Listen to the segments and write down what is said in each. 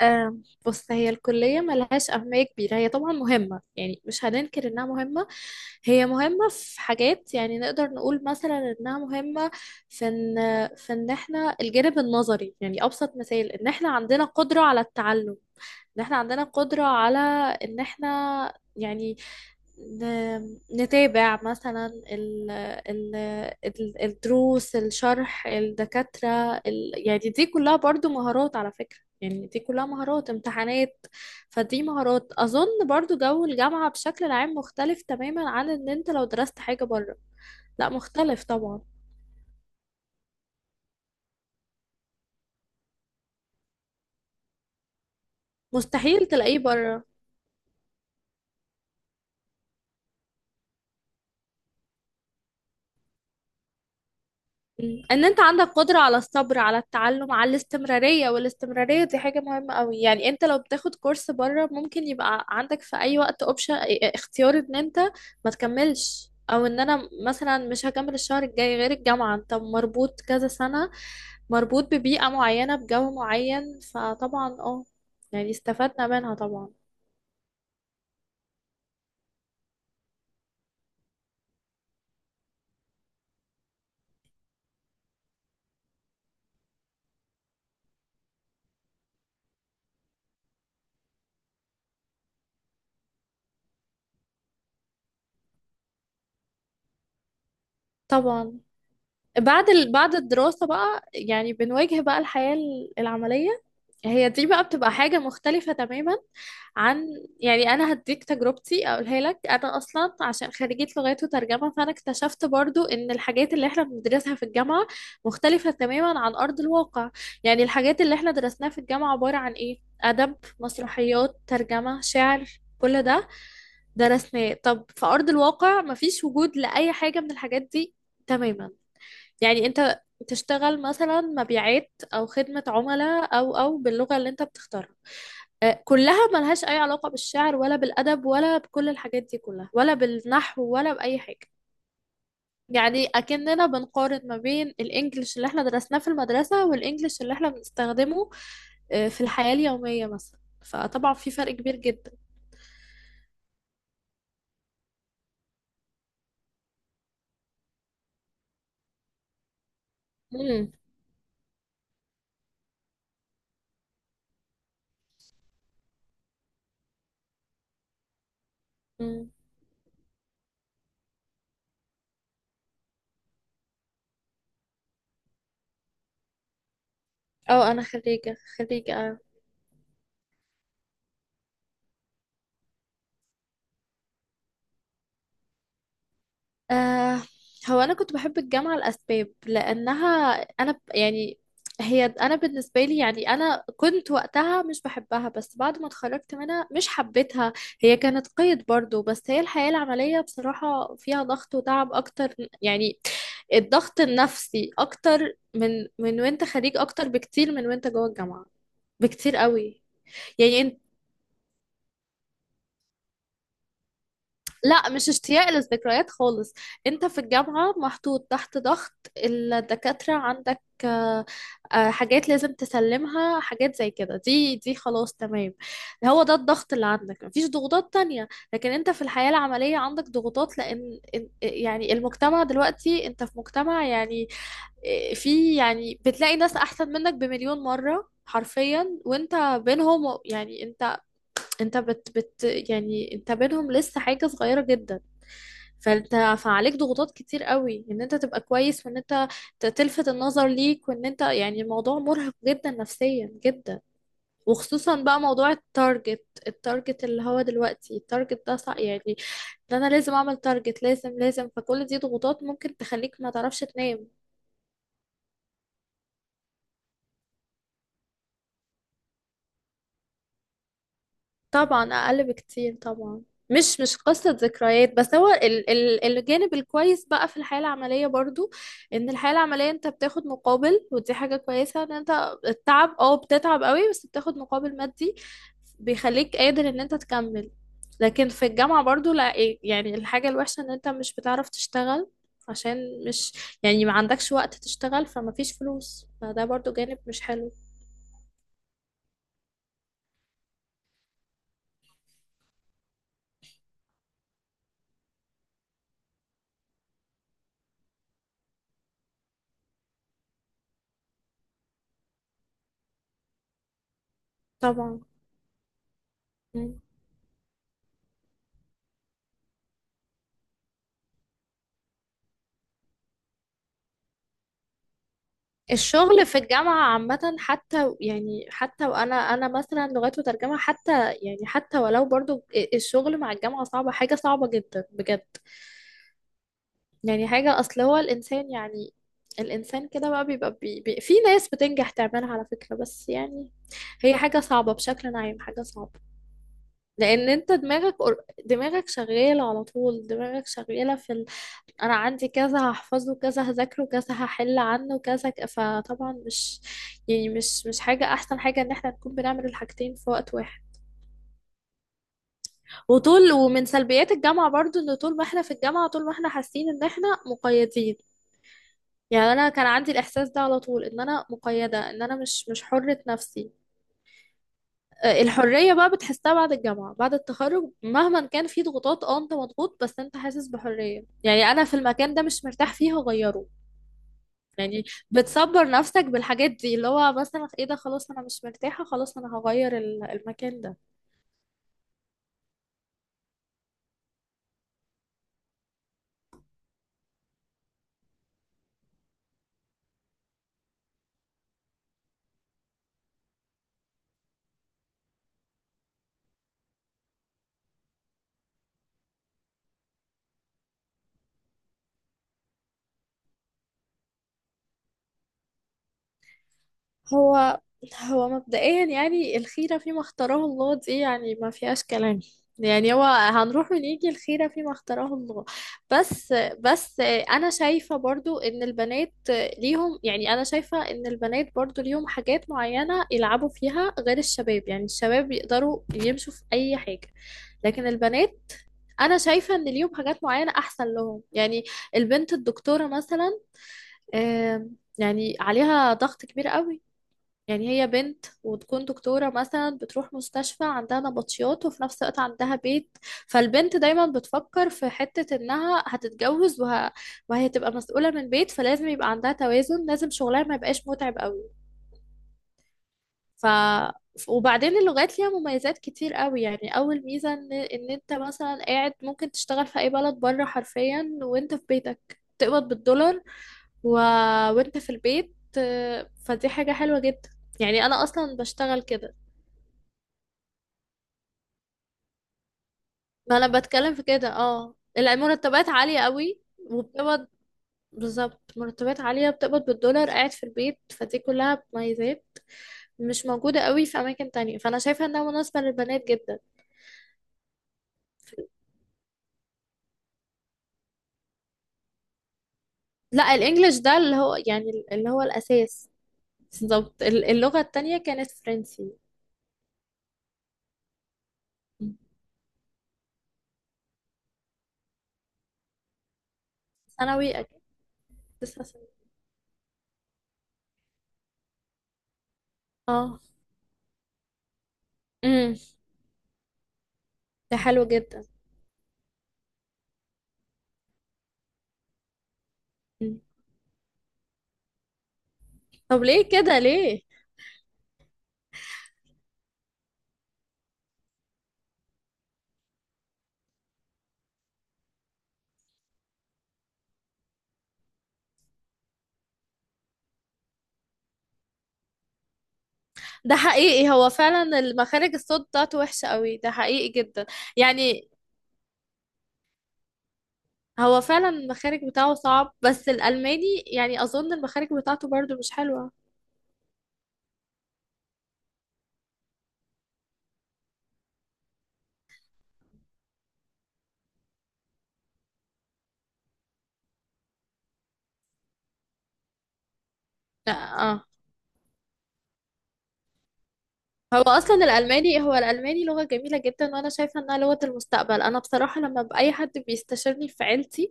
آه، بص هي الكلية ملهاش أهمية كبيرة. هي طبعا مهمة، يعني مش هننكر إنها مهمة. هي مهمة في حاجات، يعني نقدر نقول مثلا إنها مهمة في إن إحنا الجانب النظري. يعني أبسط مثال إن إحنا عندنا قدرة على التعلم، إن إحنا عندنا قدرة على، إن إحنا يعني نتابع مثلا الدروس، الشرح، الدكاترة يعني دي كلها برضو مهارات، على فكرة. يعني دي كلها مهارات امتحانات. فدي مهارات، أظن برضو جو الجامعة بشكل عام مختلف تماما عن ان انت لو درست حاجة بره. لا مختلف طبعا. مستحيل تلاقيه بره. مم. ان انت عندك قدرة على الصبر، على التعلم، على الاستمرارية، والاستمرارية دي حاجة مهمة قوي. يعني انت لو بتاخد كورس بره ممكن يبقى عندك في اي وقت اوبشن، اختيار ان انت ما تكملش، او ان انا مثلا مش هكمل الشهر الجاي. غير الجامعة، انت مربوط كذا سنة، مربوط ببيئة معينة بجو معين، فطبعا يعني استفدنا منها طبعا. طبعا بعد بعد الدراسة بقى يعني بنواجه بقى الحياة العملية. هي دي بقى بتبقى حاجة مختلفة تماما عن، يعني أنا هديك تجربتي أقولها لك. أنا أصلا عشان خريجة لغات وترجمة، فأنا اكتشفت برضو إن الحاجات اللي إحنا بندرسها في الجامعة مختلفة تماما عن أرض الواقع. يعني الحاجات اللي إحنا درسناها في الجامعة عبارة عن إيه؟ أدب، مسرحيات، ترجمة، شعر. كل ده درسناه. طب في أرض الواقع مفيش وجود لأي حاجة من الحاجات دي تماما. يعني انت تشتغل مثلا مبيعات او خدمة عملاء او باللغة اللي انت بتختارها. كلها ملهاش اي علاقة بالشعر ولا بالادب ولا بكل الحاجات دي كلها، ولا بالنحو، ولا باي حاجة. يعني اكننا بنقارن ما بين الانجليش اللي احنا درسناه في المدرسة، والانجليش اللي احنا بنستخدمه في الحياة اليومية مثلا. فطبعا في فرق كبير جدا. امم أمم. اه انا خريجة، خريجة. آه هو أنا كنت بحب الجامعة لأسباب، لأنها، يعني هي، أنا بالنسبة لي، يعني أنا كنت وقتها مش بحبها، بس بعد ما اتخرجت منها مش حبيتها. هي كانت قيد برضو، بس هي الحياة العملية بصراحة فيها ضغط وتعب أكتر، يعني الضغط النفسي أكتر من وأنت خريج، أكتر بكتير من وأنت جوه الجامعة، بكتير قوي. يعني لا، مش اشتياق للذكريات خالص. انت في الجامعة محطوط تحت ضغط، الدكاترة عندك، حاجات لازم تسلمها، حاجات زي كده، دي خلاص، تمام. هو ده الضغط اللي عندك، مفيش ضغوطات تانية. لكن انت في الحياة العملية عندك ضغوطات، لان يعني المجتمع دلوقتي انت في مجتمع يعني، في، يعني بتلاقي ناس احسن منك بمليون مرة حرفيا، وانت بينهم. يعني انت، انت بت بت يعني انت بينهم لسه حاجة صغيرة جدا. فانت فعليك ضغوطات كتير قوي ان انت تبقى كويس، وان انت تلفت النظر ليك، وان انت، يعني الموضوع مرهق جدا، نفسيا جدا. وخصوصا بقى موضوع التارجت. التارجت اللي هو دلوقتي التارجت ده يعني ده انا لازم اعمل تارجت، لازم لازم. فكل دي ضغوطات ممكن تخليك ما تعرفش تنام. طبعا اقل بكتير، طبعا. مش مش قصة ذكريات، بس هو ال ال الجانب الكويس بقى في الحياة العملية برضو ان الحياة العملية انت بتاخد مقابل. ودي حاجة كويسة، ان انت التعب، اه بتتعب قوي بس بتاخد مقابل مادي، بيخليك قادر ان انت تكمل. لكن في الجامعة برضو لا يعني الحاجة الوحشة ان انت مش بتعرف تشتغل، عشان مش يعني ما عندكش وقت تشتغل، فما فيش فلوس، فده برضو جانب مش حلو. طبعا الشغل في الجامعة عامة، حتى يعني، حتى وأنا، أنا مثلا لغات وترجمة، حتى يعني حتى ولو برضو الشغل مع الجامعة صعبة، حاجة صعبة جدا بجد. يعني حاجة، أصل هو الإنسان يعني، الإنسان كده بقى بيبقى بي بي في ناس بتنجح تعملها على فكرة، بس يعني هي حاجة صعبة بشكل عام، حاجة صعبة. لان انت دماغك، دماغك شغاله على طول. دماغك شغاله في انا عندي كذا، هحفظه كذا، هذاكره كذا، هحل عنه كذا، فطبعا مش يعني مش مش حاجه احسن حاجه ان احنا نكون بنعمل الحاجتين في وقت واحد. وطول، ومن سلبيات الجامعه برضو ان طول ما احنا في الجامعه، طول ما احنا حاسين ان احنا مقيدين. يعني انا كان عندي الاحساس ده على طول، ان انا مقيده، ان انا مش مش حره نفسي. الحرية بقى بتحسها بعد الجامعة، بعد التخرج. مهما كان في ضغوطات، اه انت مضغوط بس انت حاسس بحرية، يعني انا في المكان ده مش مرتاح فيه هغيره. يعني بتصبر نفسك بالحاجات دي، اللي هو مثلا ايه ده، خلاص انا مش مرتاحة، خلاص انا هغير المكان ده. هو مبدئيا يعني الخيرة فيما اختاره الله، دي يعني ما فيهاش كلام. يعني هو هنروح ونيجي الخيرة فيما اختاره الله. بس بس أنا شايفة برضو إن البنات ليهم، يعني أنا شايفة إن البنات برضو ليهم حاجات معينة يلعبوا فيها غير الشباب. يعني الشباب يقدروا يمشوا في أي حاجة، لكن البنات، أنا شايفة إن ليهم حاجات معينة أحسن لهم. يعني البنت الدكتورة مثلا، يعني عليها ضغط كبير قوي. يعني هي بنت وتكون دكتورة مثلا، بتروح مستشفى عندها نبطيات، وفي نفس الوقت عندها بيت. فالبنت دايما بتفكر في حتة انها هتتجوز، وهي تبقى مسؤولة من بيت، فلازم يبقى عندها توازن، لازم شغلها ما يبقاش متعب قوي. ف، وبعدين اللغات ليها مميزات كتير قوي. يعني اول ميزة ان انت مثلا قاعد ممكن تشتغل في اي بلد بره، حرفيا وانت في بيتك تقبض بالدولار، و... وانت في البيت. فدي حاجة حلوة جدا، يعني انا اصلا بشتغل كده. ما انا بتكلم في كده، اه المرتبات عالية قوي. وبتقبض، بالظبط مرتبات عالية، بتقبض بالدولار قاعد في البيت، فدي كلها مميزات مش موجودة قوي في أماكن تانية، فأنا شايفة إنها مناسبة للبنات جدا. لا الإنجليش ده اللي هو، يعني اللي هو الأساس. بالظبط. اللغة التانية كانت فرنسي. ثانوي أكيد. لسه ثانوي. اه. امم. ده حلو جدا. مم. طب ليه كده، ليه؟ ده حقيقي، هو فعلا المخارج، الصوت بتاعته وحشة قوي، ده حقيقي جدا. يعني هو فعلا المخارج بتاعه صعب، بس الألماني يعني أظن المخارج بتاعته برضو مش حلوة. لا. اه. هو أصلا الألماني، هو الألماني لغة جميلة جدا، وأنا شايفة إنها لغة المستقبل. أنا بصراحة لما بأي حد بيستشيرني في عيلتي،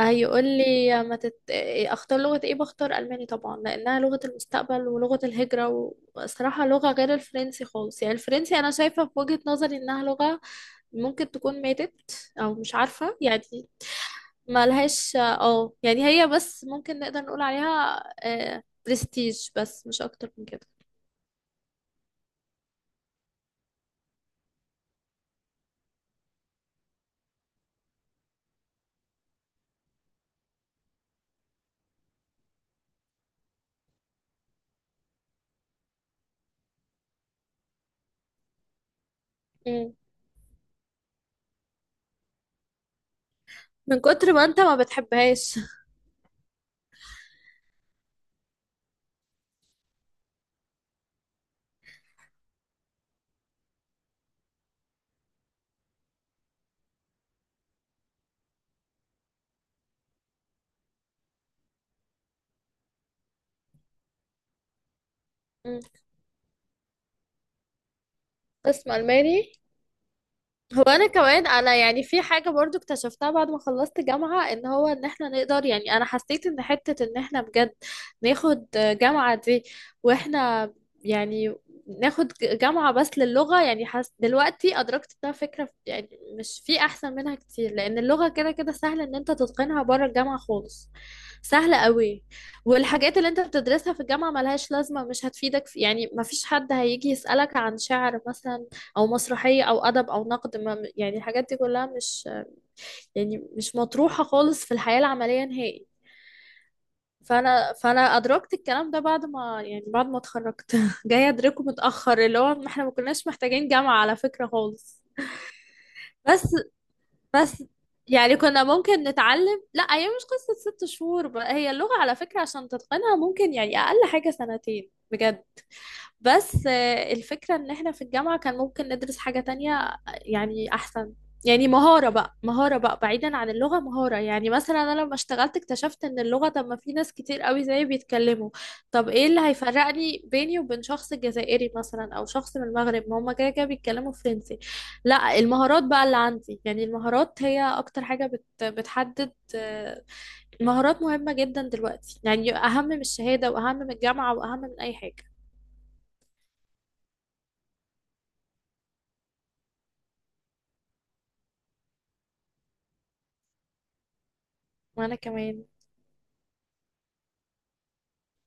يقول لي ما تت... أختار لغة إيه، بختار ألماني طبعا، لأنها لغة المستقبل ولغة الهجرة، وصراحة لغة غير الفرنسي خالص. يعني الفرنسي أنا شايفة في وجهة نظري إنها لغة ممكن تكون ماتت، أو مش عارفة يعني. ملهاش اه يعني، هي بس ممكن نقدر نقول عليها آه برستيج، بس مش اكتر من كده. مم. من كتر ما انت ما بتحبهاش. مم. قسم الماني. هو انا كمان، انا يعني في حاجه برضو اكتشفتها بعد ما خلصت جامعه، ان هو ان احنا نقدر، يعني انا حسيت ان حته ان احنا بجد ناخد جامعه دي واحنا، يعني ناخد جامعه بس للغه، يعني حس دلوقتي ادركت انها فكره، يعني مش في احسن منها كتير، لان اللغه كده كده سهل ان انت تتقنها بره الجامعه خالص. سهلة قوي. والحاجات اللي انت بتدرسها في الجامعة ملهاش لازمة، مش هتفيدك في، يعني مفيش حد هيجي يسألك عن شعر مثلا، او مسرحيه، او ادب، او نقد. ما يعني الحاجات دي كلها مش، يعني مش مطروحه خالص في الحياه العمليه نهائي. فانا ادركت الكلام ده بعد ما، يعني بعد ما اتخرجت جايه ادركه متاخر، اللي هو ما احنا ما كناش محتاجين جامعه على فكره خالص. بس بس يعني كنا ممكن نتعلم، لا هي مش قصه 6 شهور بقى، هي اللغه على فكره عشان تتقنها ممكن يعني اقل حاجه سنتين بجد. بس الفكرة ان احنا في الجامعة كان ممكن ندرس حاجة تانية. يعني احسن، يعني مهارة بقى، مهارة بقى بعيدا عن اللغة، مهارة. يعني مثلا انا لما اشتغلت اكتشفت ان اللغة، طب ما في ناس كتير قوي زيي بيتكلموا. طب ايه اللي هيفرقني بيني وبين شخص جزائري مثلا، او شخص من المغرب، ما هما كده كده بيتكلموا فرنسي. لا المهارات بقى اللي عندي. يعني المهارات هي اكتر حاجة بتحدد، المهارات مهمة جدا دلوقتي، يعني اهم من الشهادة واهم من الجامعة واهم من اي حاجة. وانا كمان.